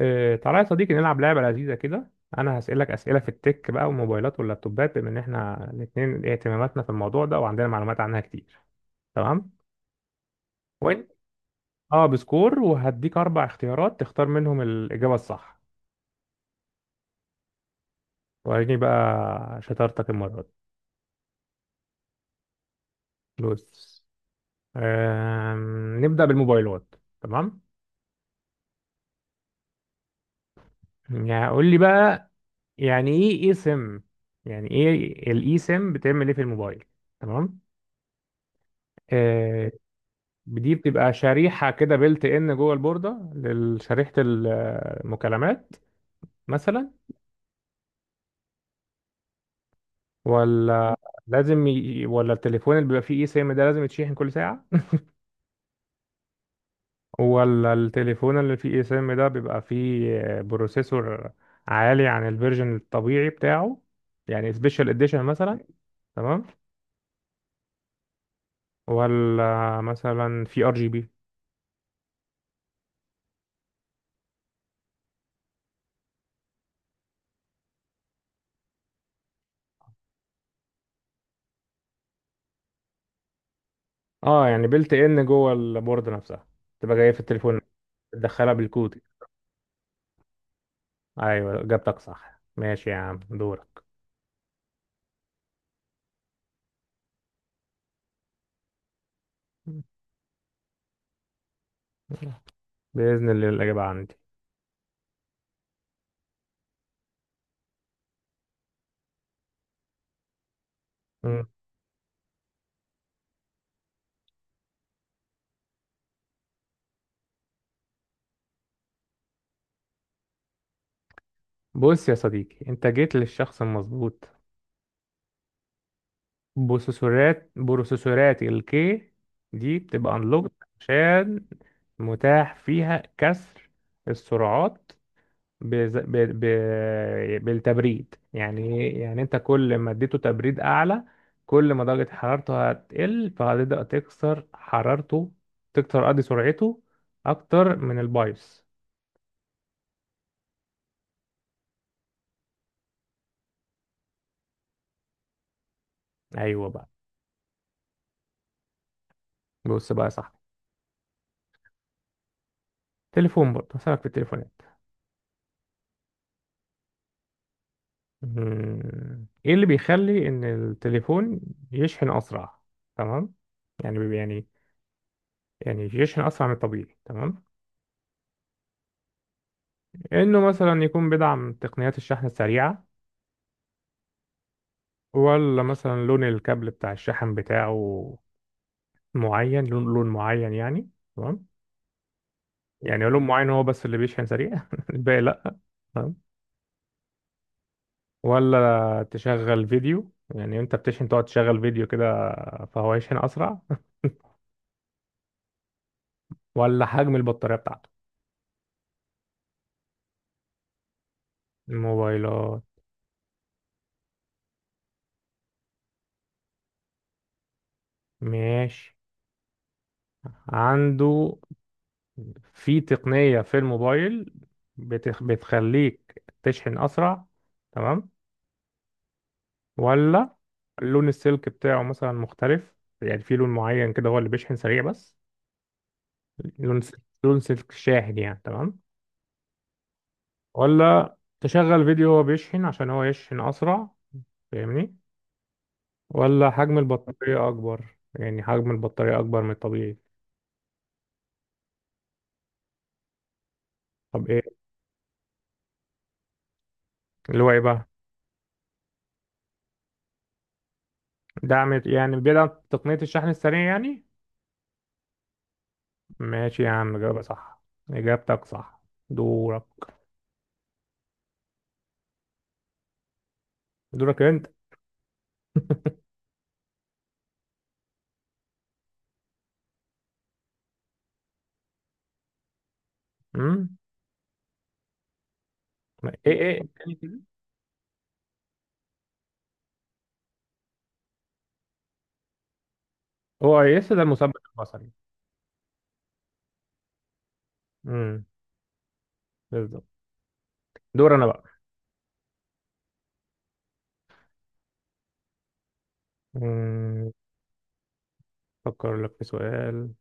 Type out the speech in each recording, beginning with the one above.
تعالى يا صديقي نلعب لعبة لذيذة كده. أنا هسألك أسئلة في التك بقى والموبايلات واللابتوبات بما إن إحنا الاتنين اهتماماتنا في الموضوع ده وعندنا معلومات عنها كتير. تمام؟ وأنت؟ أه، بسكور، وهديك أربع اختيارات تختار منهم الإجابة الصح. وريني بقى شطارتك المرة دي. بص. نبدأ بالموبايلات. تمام؟ يعني قول لي بقى، يعني إيه إيه سم؟ يعني إيه الإي سم، بتعمل إيه في الموبايل؟ تمام؟ آه، دي بتبقى شريحة كده بيلت ان جوه البوردة لشريحة المكالمات مثلا. ولا ولا التليفون اللي بيبقى فيه اي سيم ده لازم يتشحن كل ساعة. ولا التليفون اللي فيه اي سيم ده بيبقى فيه بروسيسور عالي عن الفيرجن الطبيعي بتاعه، يعني سبيشال اديشن مثلا. تمام. ولا مثلا في ار جي بي. اه يعني بيلت ان جوه البوردة نفسها، تبقى جاية في التليفون تدخلها بالكود. ايوه، اجابتك صح. ماشي يا عم، دورك. بإذن الله الإجابة عندي. مم. بص يا صديقي، أنت جيت للشخص المظبوط. بروسيسورات الكي دي بتبقى unlocked عشان متاح فيها كسر السرعات بز... ب... ب... بالتبريد. يعني إيه؟ يعني أنت كل ما اديته تبريد أعلى، كل ما درجة حرارته هتقل، فهتبدأ تكسر حرارته، تكسر قصدي سرعته، أكتر من البايوس. أيوه بقى. بص بقى يا صاحبي، تليفون برضه هسألك في التليفونات. مم. ايه اللي بيخلي ان التليفون يشحن اسرع؟ تمام. يعني بي- يعني يعني يشحن اسرع من الطبيعي. تمام. انه مثلا يكون بيدعم تقنيات الشحن السريعة، ولا مثلا لون الكابل بتاع الشحن بتاعه معين، لون معين يعني. تمام. يعني لون معين هو بس اللي بيشحن سريع الباقي لا. تمام. ولا تشغل فيديو، يعني انت بتشحن تقعد تشغل فيديو كده فهو يشحن اسرع. ولا حجم البطارية بتاعته. موبايلات. ماشي. عنده في تقنية في الموبايل بتخليك تشحن أسرع. تمام. ولا لون السلك بتاعه مثلا مختلف، يعني في لون معين كده هو اللي بيشحن سريع بس. لون س... لون سلك شاحن يعني. تمام. ولا تشغل فيديو وهو بيشحن عشان هو يشحن أسرع، فاهمني؟ ولا حجم البطارية أكبر، يعني حجم البطارية أكبر من الطبيعي. طب إيه؟ اللي هو إيه بقى؟ دعم يعني، بيدعم تقنية الشحن السريع يعني. ماشي يا عم، إجابة صح، إجابتك صح. دورك. دورك أنت. أمم. إيه تاني كده؟ هو يس ده المثبت البصري. أمم. بالظبط. دور أنا بقى. أمم أفكر لك في سؤال.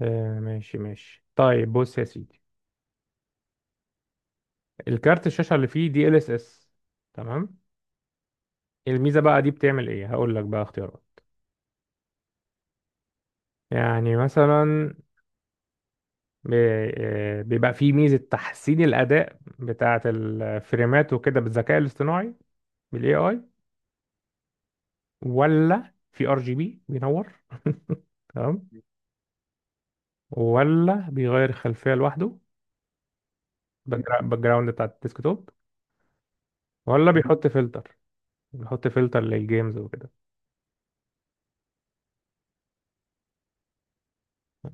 ماشي ماشي، طيب بص يا سيدي، الكارت الشاشة اللي فيه دي ال اس اس. تمام. الميزة بقى دي بتعمل إيه؟ هقول لك بقى اختيارات. يعني مثلا بيبقى فيه ميزة تحسين الأداء بتاعة الفريمات وكده بالذكاء الاصطناعي، بالاي اي. ولا في ار جي بي بينور تمام. ولا بيغير الخلفية لوحده، باك جراوند بتاع الديسك توب. ولا بيحط فلتر للجيمز وكده.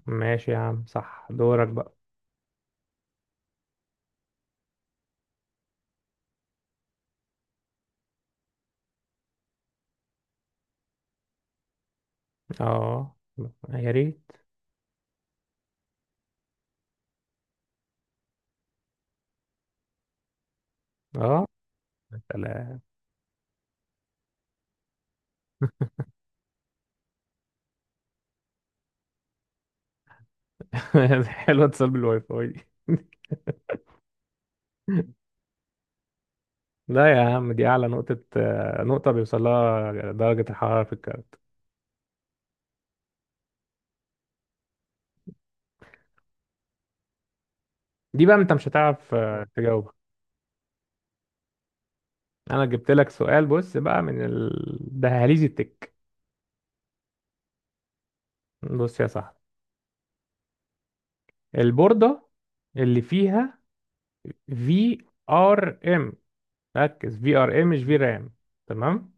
ماشي يا عم، صح. دورك بقى. اه، يا ريت. اه، سلام. حلوة اتصال بالواي فاي دي. لا يا عم، دي أعلى نقطة بيوصل لها درجة الحرارة في الكهرباء. دي بقى انت مش هتعرف تجاوبها. انا جبت لك سؤال، بص بقى من الدهاليز التك. بص يا صاحبي، البوردة اللي فيها في ار ام، ركز في ار ام مش في رام. تمام.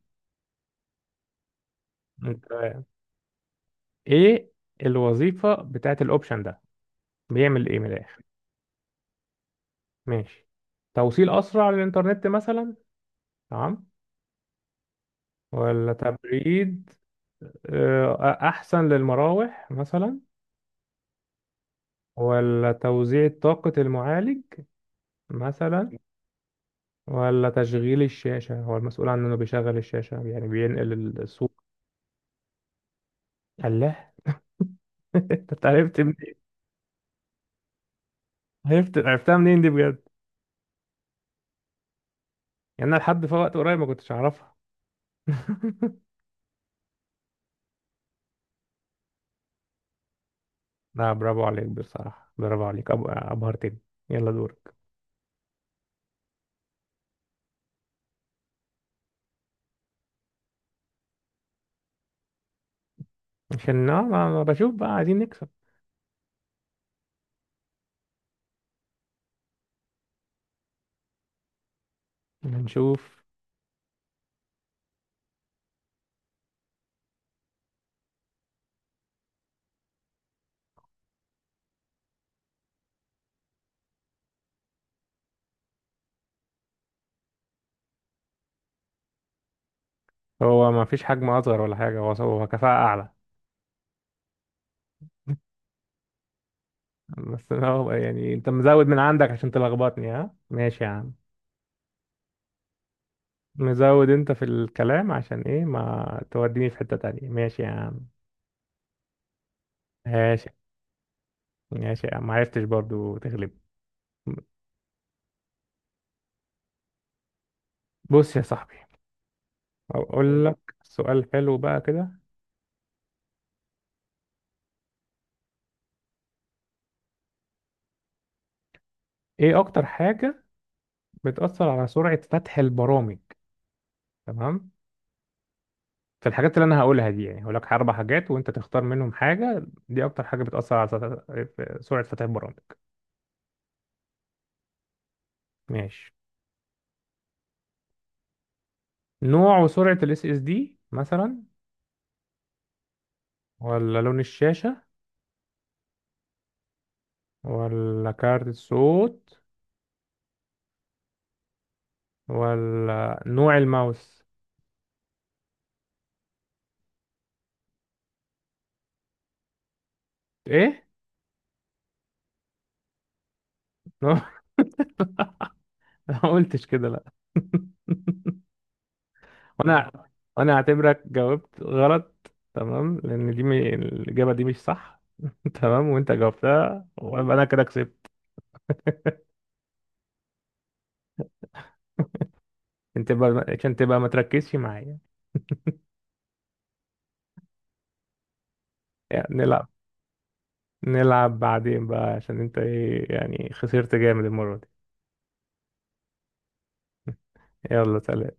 انت، ايه الوظيفة بتاعت الاوبشن ده، بيعمل ايه من الاخر؟ ماشي. توصيل اسرع للانترنت مثلا. تمام. ولا تبريد آه، احسن للمراوح مثلا. ولا توزيع طاقة المعالج مثلا. ولا تشغيل الشاشة، هو المسؤول عن إنه بيشغل الشاشة يعني، بينقل الصوت. الله أنت عرفت منين؟ عرفتها منين دي بجد؟ يعني أنا لحد في وقت قريب ما كنتش أعرفها لا، برافو عليك بصراحة، برافو عليك، أبهرتني. يلا دورك. عشان أه، ما بشوف بقى، عايزين نكسب. هنشوف. هو ما فيش حجم أصغر ولا حاجة، هو هو كفاءة أعلى بس أنا هو يعني أنت مزود من عندك عشان تلخبطني. ها، ماشي يا عم. مزود انت في الكلام، عشان ايه ما توديني في حتة تانية؟ ماشي يا عم. ماشي. ماشي يا عم، ما عرفتش برضو تغلب. بص يا صاحبي، اقول لك سؤال حلو بقى كده. ايه اكتر حاجة بتأثر على سرعة فتح البرامج؟ تمام. في الحاجات اللي انا هقولها دي، يعني هقول لك اربع حاجات وانت تختار منهم حاجة، دي اكتر حاجة بتأثر على سرعة فتح البرامج. ماشي. نوع وسرعة الاس اس دي مثلا. ولا لون الشاشة. ولا كارت الصوت. ولا نوع الماوس. ايه نوع ما قلتش كده لا وانا وانا اعتبرك جاوبت غلط. تمام، لان دي الاجابه دي مش صح تمام، وانت جاوبتها ويبقى انا كده كسبت. انت بقى عشان تبقى ما تركزش معايا، يعني نلعب، بعدين بقى، عشان انت ايه يعني، خسرت جامد المره دي. يلا سلام.